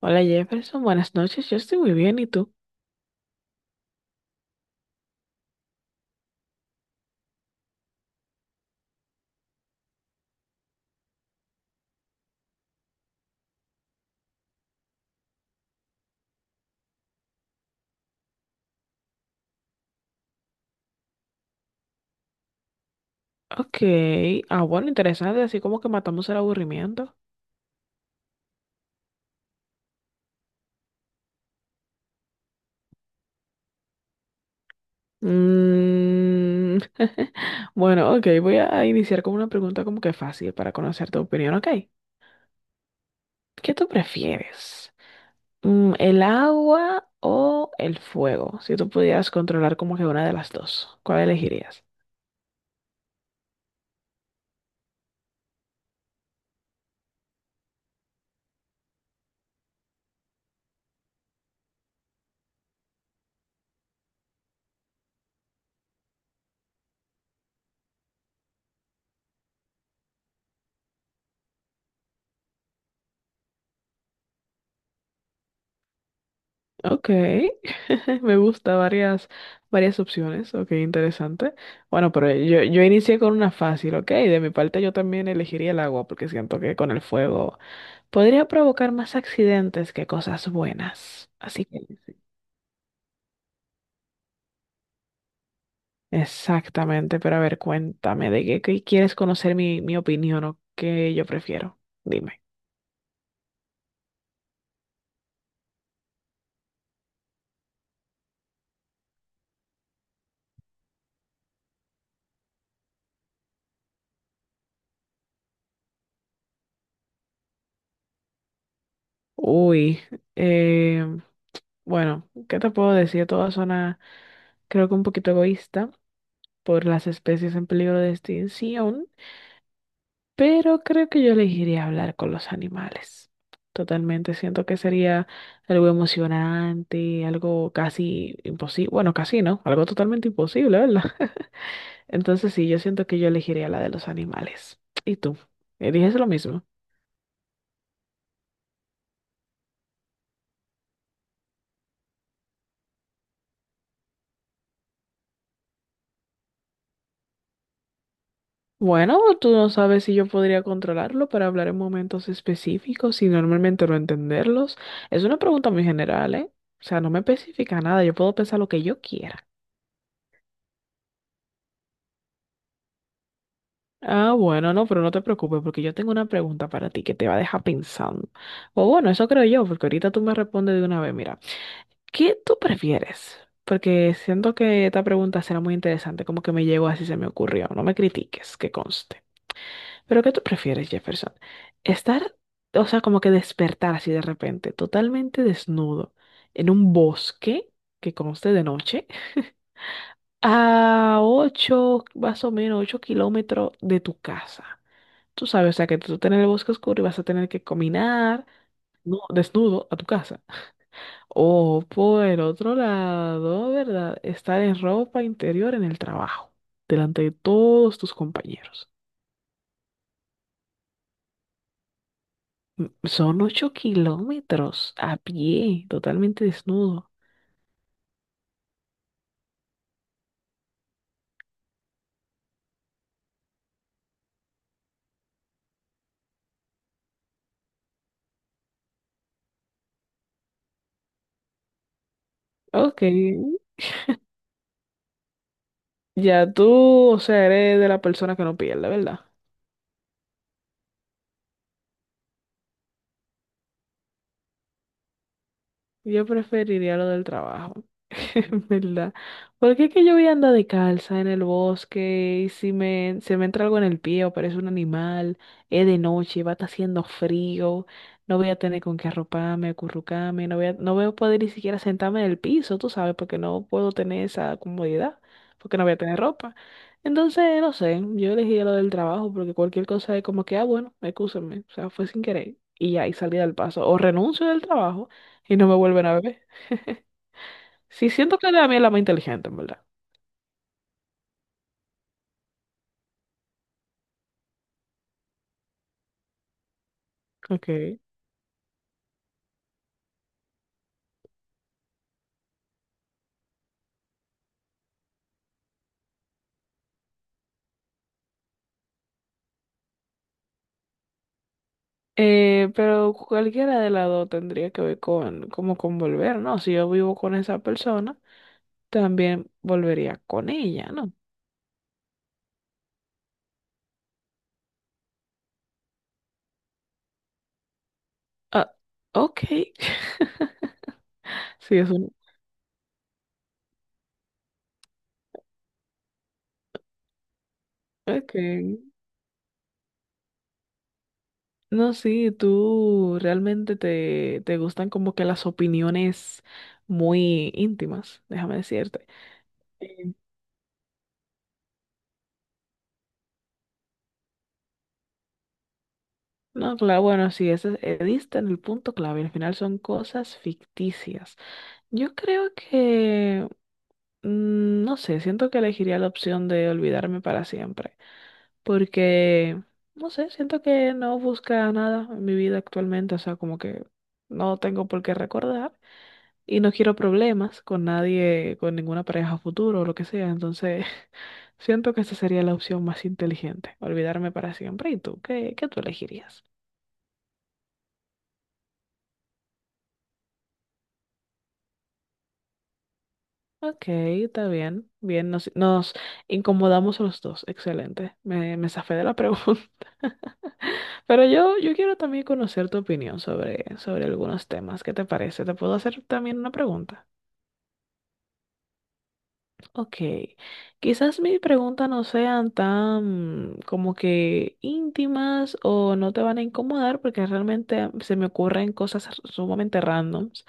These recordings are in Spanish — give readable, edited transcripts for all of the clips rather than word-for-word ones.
Hola Jefferson, buenas noches, yo estoy muy bien, ¿y tú? Ok, ah bueno, interesante, así como que matamos el aburrimiento. Mm, Bueno, ok, voy a iniciar con una pregunta como que fácil para conocer tu opinión, ok. ¿Qué tú prefieres? Mm, ¿el agua o el fuego? Si tú pudieras controlar como que una de las dos, ¿cuál elegirías? Ok, me gusta varias, varias opciones, ok, interesante. Bueno, pero yo inicié con una fácil, ok, de mi parte yo también elegiría el agua porque siento que con el fuego podría provocar más accidentes que cosas buenas. Así que, exactamente, pero a ver, cuéntame, ¿de qué, qué quieres conocer mi opinión o qué yo prefiero? Dime. Uy, eh, bueno, ¿qué te puedo decir? Todo suena creo que un poquito egoísta. Por las especies en peligro de extinción, pero creo que yo elegiría hablar con los animales. Totalmente, siento que sería algo emocionante, algo casi imposible, bueno, casi no, algo totalmente imposible, ¿verdad? Entonces sí, yo siento que yo elegiría la de los animales. ¿Y tú? ¿Eliges lo mismo? Bueno, tú no sabes si yo podría controlarlo para hablar en momentos específicos y normalmente no entenderlos. Es una pregunta muy general, ¿eh? O sea, no me especifica nada, yo puedo pensar lo que yo quiera. Ah, bueno, no, pero no te preocupes porque yo tengo una pregunta para ti que te va a dejar pensando. O bueno, eso creo yo, porque ahorita tú me respondes de una vez, mira, ¿qué tú prefieres? Porque siento que esta pregunta será muy interesante, como que me llegó así se me ocurrió, no me critiques, que conste. Pero ¿qué tú prefieres, Jefferson? Estar, o sea, como que despertar así de repente, totalmente desnudo, en un bosque que conste de noche, a 8 más o menos 8 kilómetros de tu casa. Tú sabes, o sea, que tú estás en el bosque oscuro y vas a tener que caminar, no, desnudo a tu casa. O por el otro lado, ¿verdad? Estar en ropa interior en el trabajo, delante de todos tus compañeros. Son 8 kilómetros a pie, totalmente desnudo. Ok, ya tú, o sea, eres de la persona que no pierde, ¿verdad? Yo preferiría lo del trabajo, en verdad. Porque es que yo voy a andar de calza en el bosque y si me, se me entra algo en el pie o parece un animal, es de noche, va a estar haciendo frío, no voy a tener con qué arroparme, acurrucarme, no voy a, no voy a poder ni siquiera sentarme en el piso, tú sabes, porque no puedo tener esa comodidad, porque no voy a tener ropa. Entonces, no sé, yo elegí lo del trabajo porque cualquier cosa es como que, ah, bueno, excúsenme, o sea, fue sin querer y ya, y salí del paso. O renuncio del trabajo y no me vuelven a ver. Sí, siento que la mía es la más inteligente, en verdad. Ok. Pero cualquiera de las dos tendría que ver con, como con volver, ¿no? Si yo vivo con esa persona, también volvería con ella, ¿no? Ah, ok. Sí, es un... Ok. No, sí, tú realmente te, te gustan como que las opiniones muy íntimas, déjame decirte. Eh, No, claro, bueno, sí, ese, diste en el punto clave. Al final son cosas ficticias. Yo creo que, mm, no sé, siento que elegiría la opción de olvidarme para siempre, porque, no sé, siento que no busca nada en mi vida actualmente, o sea, como que no tengo por qué recordar y no quiero problemas con nadie, con ninguna pareja a futuro o lo que sea, entonces siento que esa sería la opción más inteligente, olvidarme para siempre. ¿Y tú? ¿Qué, qué tú elegirías? Ok, está bien, bien, nos, nos incomodamos los dos, excelente, me zafé de la pregunta. Pero yo quiero también conocer tu opinión sobre, sobre algunos temas. ¿Qué te parece? ¿Te puedo hacer también una pregunta? Ok. Quizás mis preguntas no sean tan como que íntimas o no te van a incomodar porque realmente se me ocurren cosas sumamente randoms.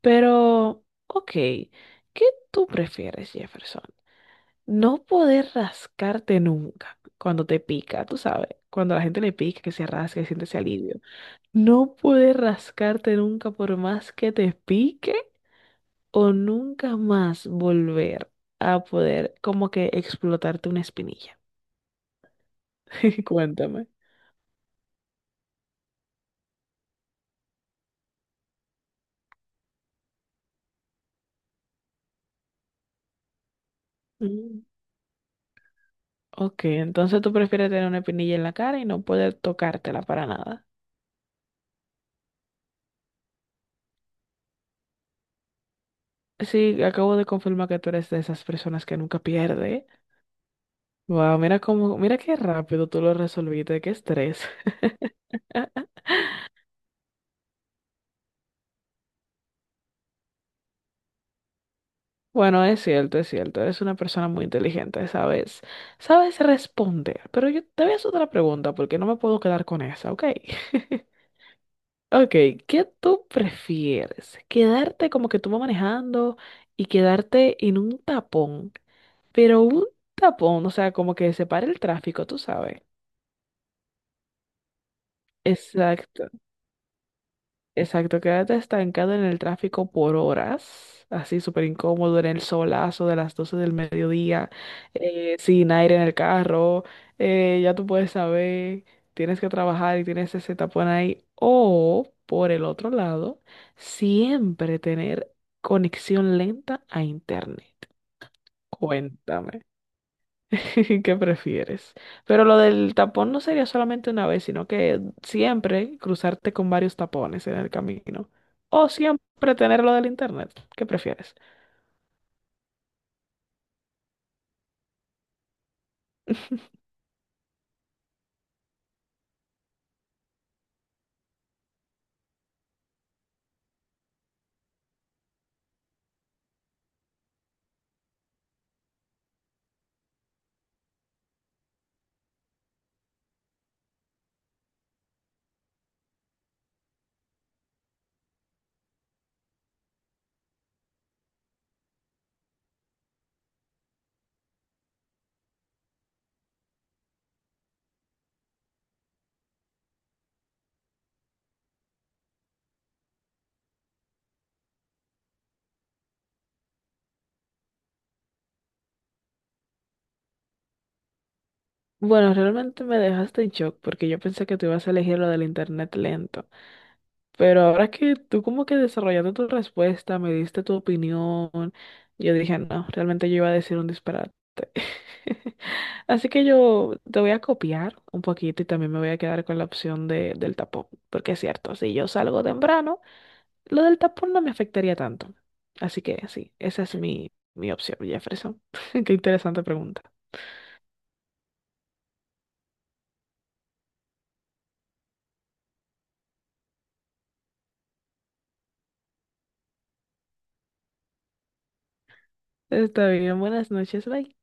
Pero, ok. ¿Qué tú prefieres, Jefferson? No poder rascarte nunca cuando te pica, tú sabes. Cuando a la gente le pica, que se rasca y siente ese alivio. No puedes rascarte nunca por más que te pique o nunca más volver a poder como que explotarte una espinilla. Cuéntame. Mm. Ok, entonces tú prefieres tener una espinilla en la cara y no poder tocártela para nada. Sí, acabo de confirmar que tú eres de esas personas que nunca pierde. Wow, mira cómo, mira qué rápido tú lo resolviste, qué estrés. Bueno, es cierto, es cierto. Eres una persona muy inteligente, sabes, sabes responder. Pero yo te voy a hacer otra pregunta porque no me puedo quedar con esa, ¿ok? Ok, ¿qué tú prefieres? ¿Quedarte como que tú vas manejando y quedarte en un tapón? Pero un tapón, o sea, como que separa el tráfico, tú sabes. Exacto. Exacto, quédate estancado en el tráfico por horas, así súper incómodo, en el solazo de las 12 del mediodía, sin aire en el carro, ya tú puedes saber, tienes que trabajar y tienes ese tapón ahí. O, por el otro lado, siempre tener conexión lenta a internet. Cuéntame. ¿Qué prefieres? Pero lo del tapón no sería solamente una vez, sino que siempre cruzarte con varios tapones en el camino. O siempre tener lo del internet. ¿Qué prefieres? Bueno, realmente me dejaste en shock porque yo pensé que tú ibas a elegir lo del internet lento. Pero ahora que tú como que desarrollando tu respuesta, me diste tu opinión, yo dije, no, realmente yo iba a decir un disparate. Así que yo te voy a copiar un poquito y también me voy a quedar con la opción de, del tapón, porque es cierto, si yo salgo temprano, lo del tapón no me afectaría tanto. Así que sí, esa es mi, mi opción, Jefferson. Qué interesante pregunta. Está bien, buenas noches, bye.